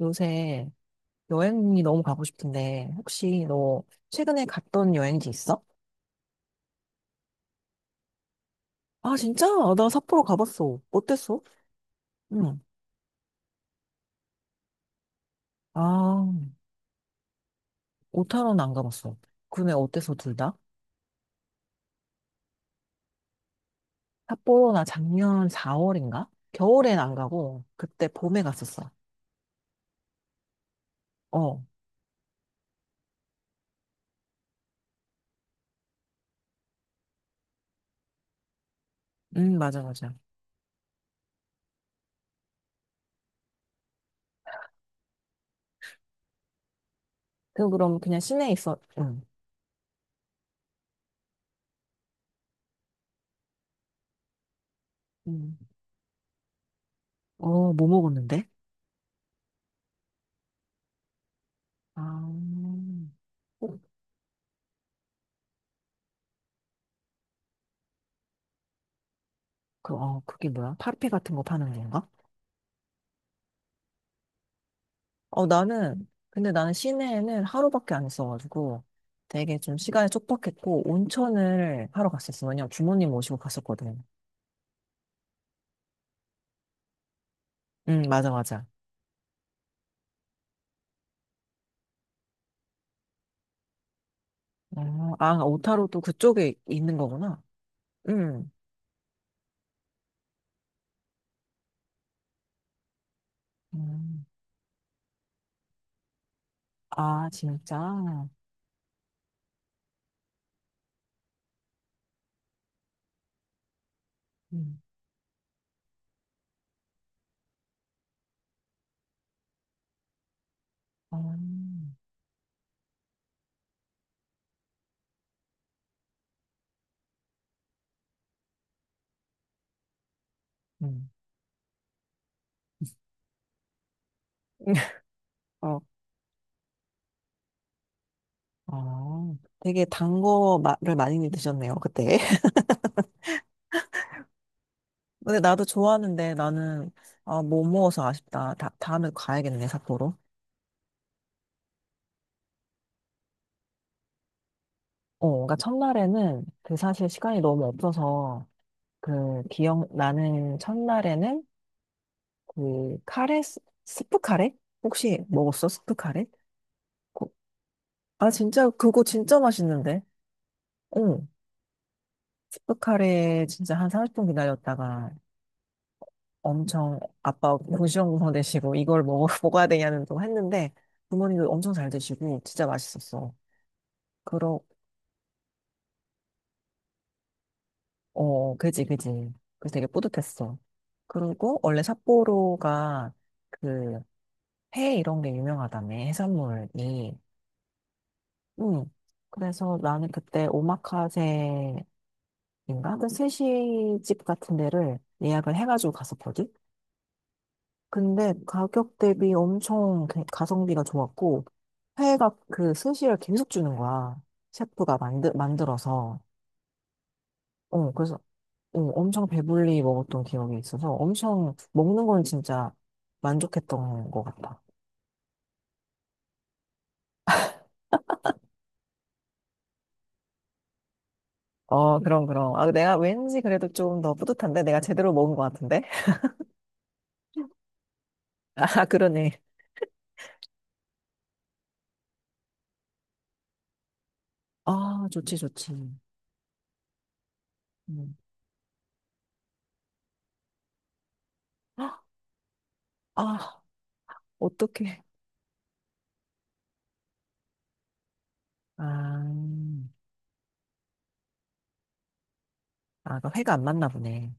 요새 여행이 너무 가고 싶은데, 혹시 너 최근에 갔던 여행지 있어? 아, 진짜? 아, 나 삿포로 가봤어. 어땠어? 응. 아, 오타로는 안 가봤어. 근데 어땠어, 둘 다? 삿포로 나 작년 4월인가? 겨울엔 안 가고, 그때 봄에 갔었어. 어, 응, 맞아, 맞아. 그, 그럼 그냥 시내에 있어. 응. 응. 어, 뭐 먹었는데? 아, 어, 그게 뭐야? 파르페 같은 거 파는 건가? 어, 나는, 근데 나는 시내에는 하루밖에 안 있어가지고 되게 좀 시간이 촉박했고 온천을 하러 갔었어. 왜냐면 부모님 모시고 갔었거든. 응, 맞아, 맞아. 어, 아, 오타로도 그쪽에 있는 거구나. 응. 음. 아, 진짜? 음. 어, 음. 어, 어. 되게 단 거를 많이 드셨네요, 그때. 근데 나도 좋아하는데 나는, 아, 못 먹어서 아쉽다. 다음에 가야겠네, 삿포로. 어, 그러니까 첫날에는 그 사실 시간이 너무 없어서 그 기억나는 첫날에는 그 카레, 스프 카레? 혹시 먹었어? 스프 카레? 그- 아, 진짜 그거 진짜 맛있는데? 응, 스프 카레 진짜 한 30분 기다렸다가 엄청 아빠 고시원구성 되시고 이걸 먹어, 먹어야 되냐는 또 했는데 부모님도 엄청 잘 드시고 진짜 맛있었어. 그러, 그지, 그지. 그래서 되게 뿌듯했어. 그리고 원래 삿포로가 그 회 이런 게 유명하다며, 해산물이. 응. 그래서 나는 그때 오마카세인가? 그 스시집 같은 데를 예약을 해가지고 갔었거든? 근데 가격 대비 엄청 가성비가 좋았고, 회가 그 스시를 계속 주는 거야. 셰프가 만들어서. 어, 그래서 엄청 배불리 먹었던 기억이 있어서 엄청 먹는 건 진짜 만족했던 것 같아. 어, 그럼, 그럼. 아, 내가 왠지 그래도 좀 더 뿌듯한데? 내가 제대로 먹은 것 같은데? 아, 그러네. 아, 좋지, 좋지. 음. 헉, 아, 어떡해. 아, 아, 그 회가 안 맞나 보네.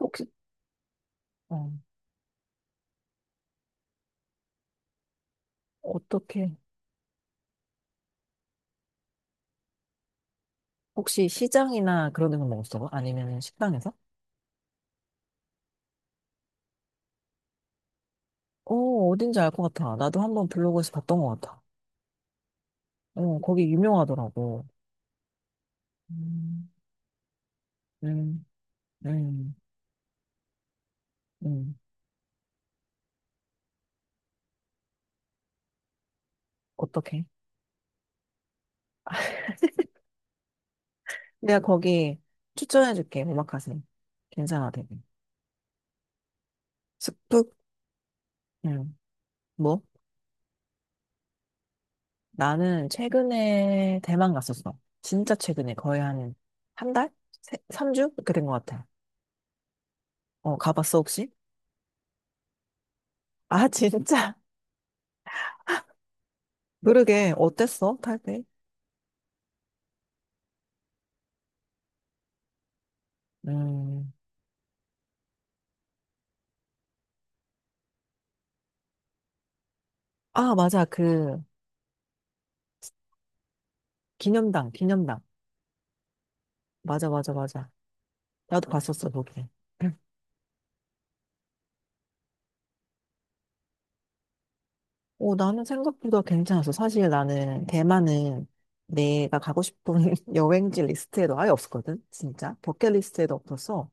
혹시, 어, 어떡해. 혹시 시장이나 그런 데서 먹었어? 아니면 식당에서? 어, 어딘지 알 것 같아. 나도 한번 블로그에서 봤던 것 같아. 어, 거기 유명하더라고. 음, 음, 음, 음. 어떡해. 내가 거기 추천해줄게, 오마카세. 괜찮아, 되게. 스프? 응, 뭐? 나는 최근에 대만 갔었어. 진짜 최근에 거의 한 한 달? 세, 3주? 그렇게 된 것 같아. 어, 가봤어, 혹시? 아, 진짜? 그러게. 어땠어, 타이이 음. 아, 맞아. 그 기념당, 기념당. 맞아, 맞아, 맞아. 나도 봤었어, 거기. 응. 어, 나는 생각보다 괜찮았어. 사실 나는 대만은 내가 가고 싶은 여행지 리스트에도 아예 없었거든. 진짜. 버킷리스트에도 없었어.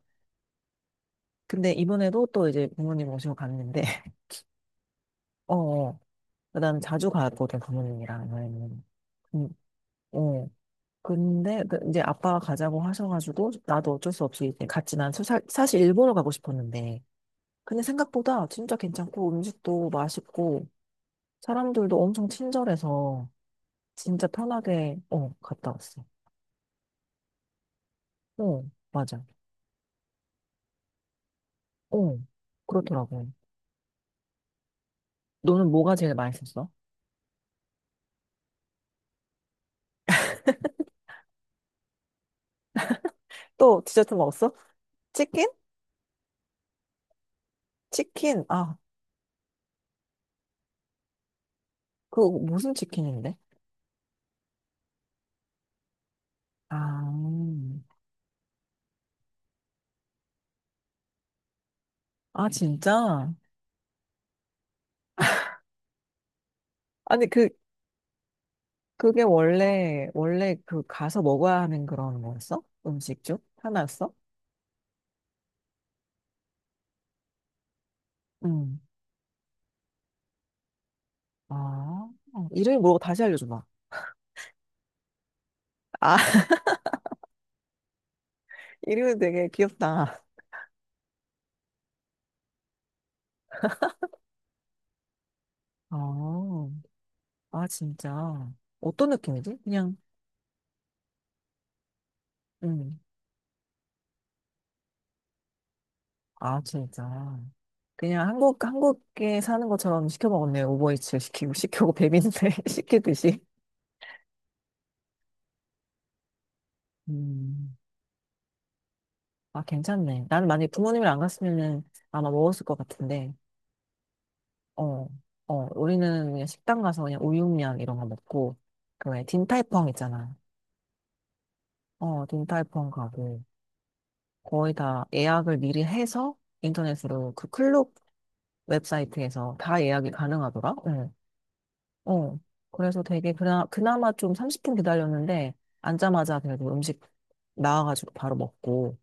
근데 이번에도 또 이제 부모님 모시고 갔는데, 어, 그다음에 자주 가거든 부모님이랑 여행은. 음, 어. 근데 이제 아빠가 가자고 하셔가지고 나도 어쩔 수 없이 이제 갔지. 난 사실 일본을 가고 싶었는데. 근데 생각보다 진짜 괜찮고 음식도 맛있고 사람들도 엄청 친절해서 진짜 편하게 갔다 왔어. 어 맞아. 어 그렇더라고. 너는 뭐가 제일 맛있었어? 또 디저트 먹었어? 치킨? 치킨? 아, 그 무슨 치킨인데? 아, 아 진짜? 아니 그게 원래 그 가서 먹어야 하는 그런 거였어? 음식 중? 하나였어? 응. 아, 이름이 뭐라고 다시 알려줘봐. 아, 이름이 되게 귀엽다. 아, 아, 진짜. 어떤 느낌이지? 그냥, 음. 아, 진짜. 그냥 한국에 사는 것처럼 시켜 먹었네. 오버이츠 시키고, 배민데 시키듯이. 음. 아, 괜찮네. 나는 만약에 부모님이랑 안 갔으면은 아마 먹었을 것 같은데. 어, 어, 우리는 그냥 식당 가서 그냥 우육면 이런 거 먹고, 그 왜, 딘타이펑 있잖아. 어, 딘타이펑 가고, 거의 다 예약을 미리 해서 인터넷으로 그 클럽 웹사이트에서 다 예약이 가능하더라? 응. 어, 그래서 되게 그나마 좀 30분 기다렸는데, 앉자마자 그래도 음식 나와가지고 바로 먹고,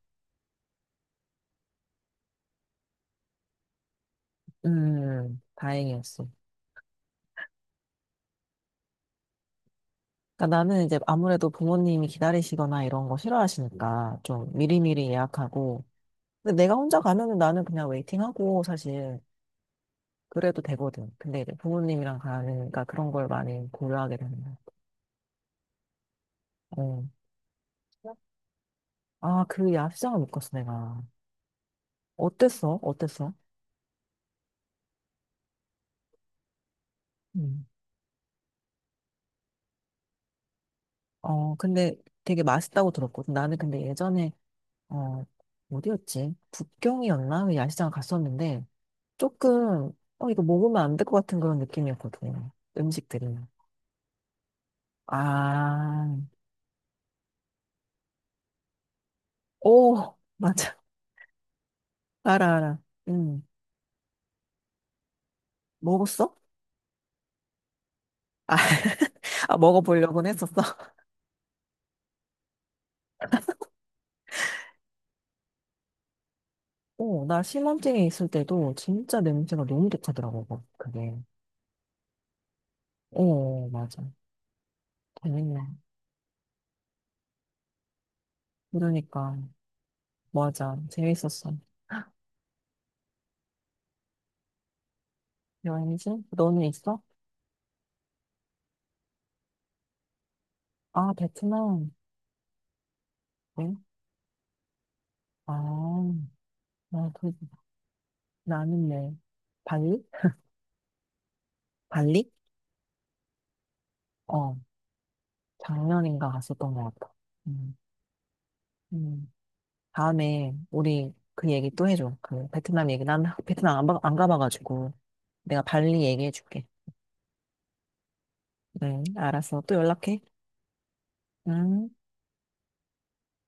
다행이었어. 그러니까 나는 이제 아무래도 부모님이 기다리시거나 이런 거 싫어하시니까 좀 미리미리 예약하고, 근데 내가 혼자 가면은 나는 그냥 웨이팅하고 사실 그래도 되거든. 근데 이제 부모님이랑 가니까 그런 걸 많이 고려하게 되는 거야. 어. 아, 그 야시장을 못 갔어, 내가. 어땠어? 어땠어? 음. 어, 근데 되게 맛있다고 들었거든. 나는 근데 예전에, 어, 어디였지? 북경이었나? 그 야시장을 갔었는데, 조금, 어, 이거 먹으면 안 될 것 같은 그런 느낌이었거든. 음식들이. 아, 오, 맞아. 알아, 알아. 음, 먹었어? 아, 먹어보려고는 했었어. 어, 나 신혼증에 있을 때도 진짜 냄새가 너무 독하더라고, 그게. 어, 맞아. 재밌네. 그러니까. 맞아. 재밌었어. 여행지? 너는 있어? 아, 베트남. 네? 아, 나 그, 나는 네. 발리? 발리? 어, 작년인가 갔었던 것 같아. 음, 음. 다음에 우리 그 얘기 또 해줘. 그 베트남 얘기. 난 베트남 안 가봐가지고 내가 발리 얘기해줄게. 네, 알았어. 또 연락해. 응.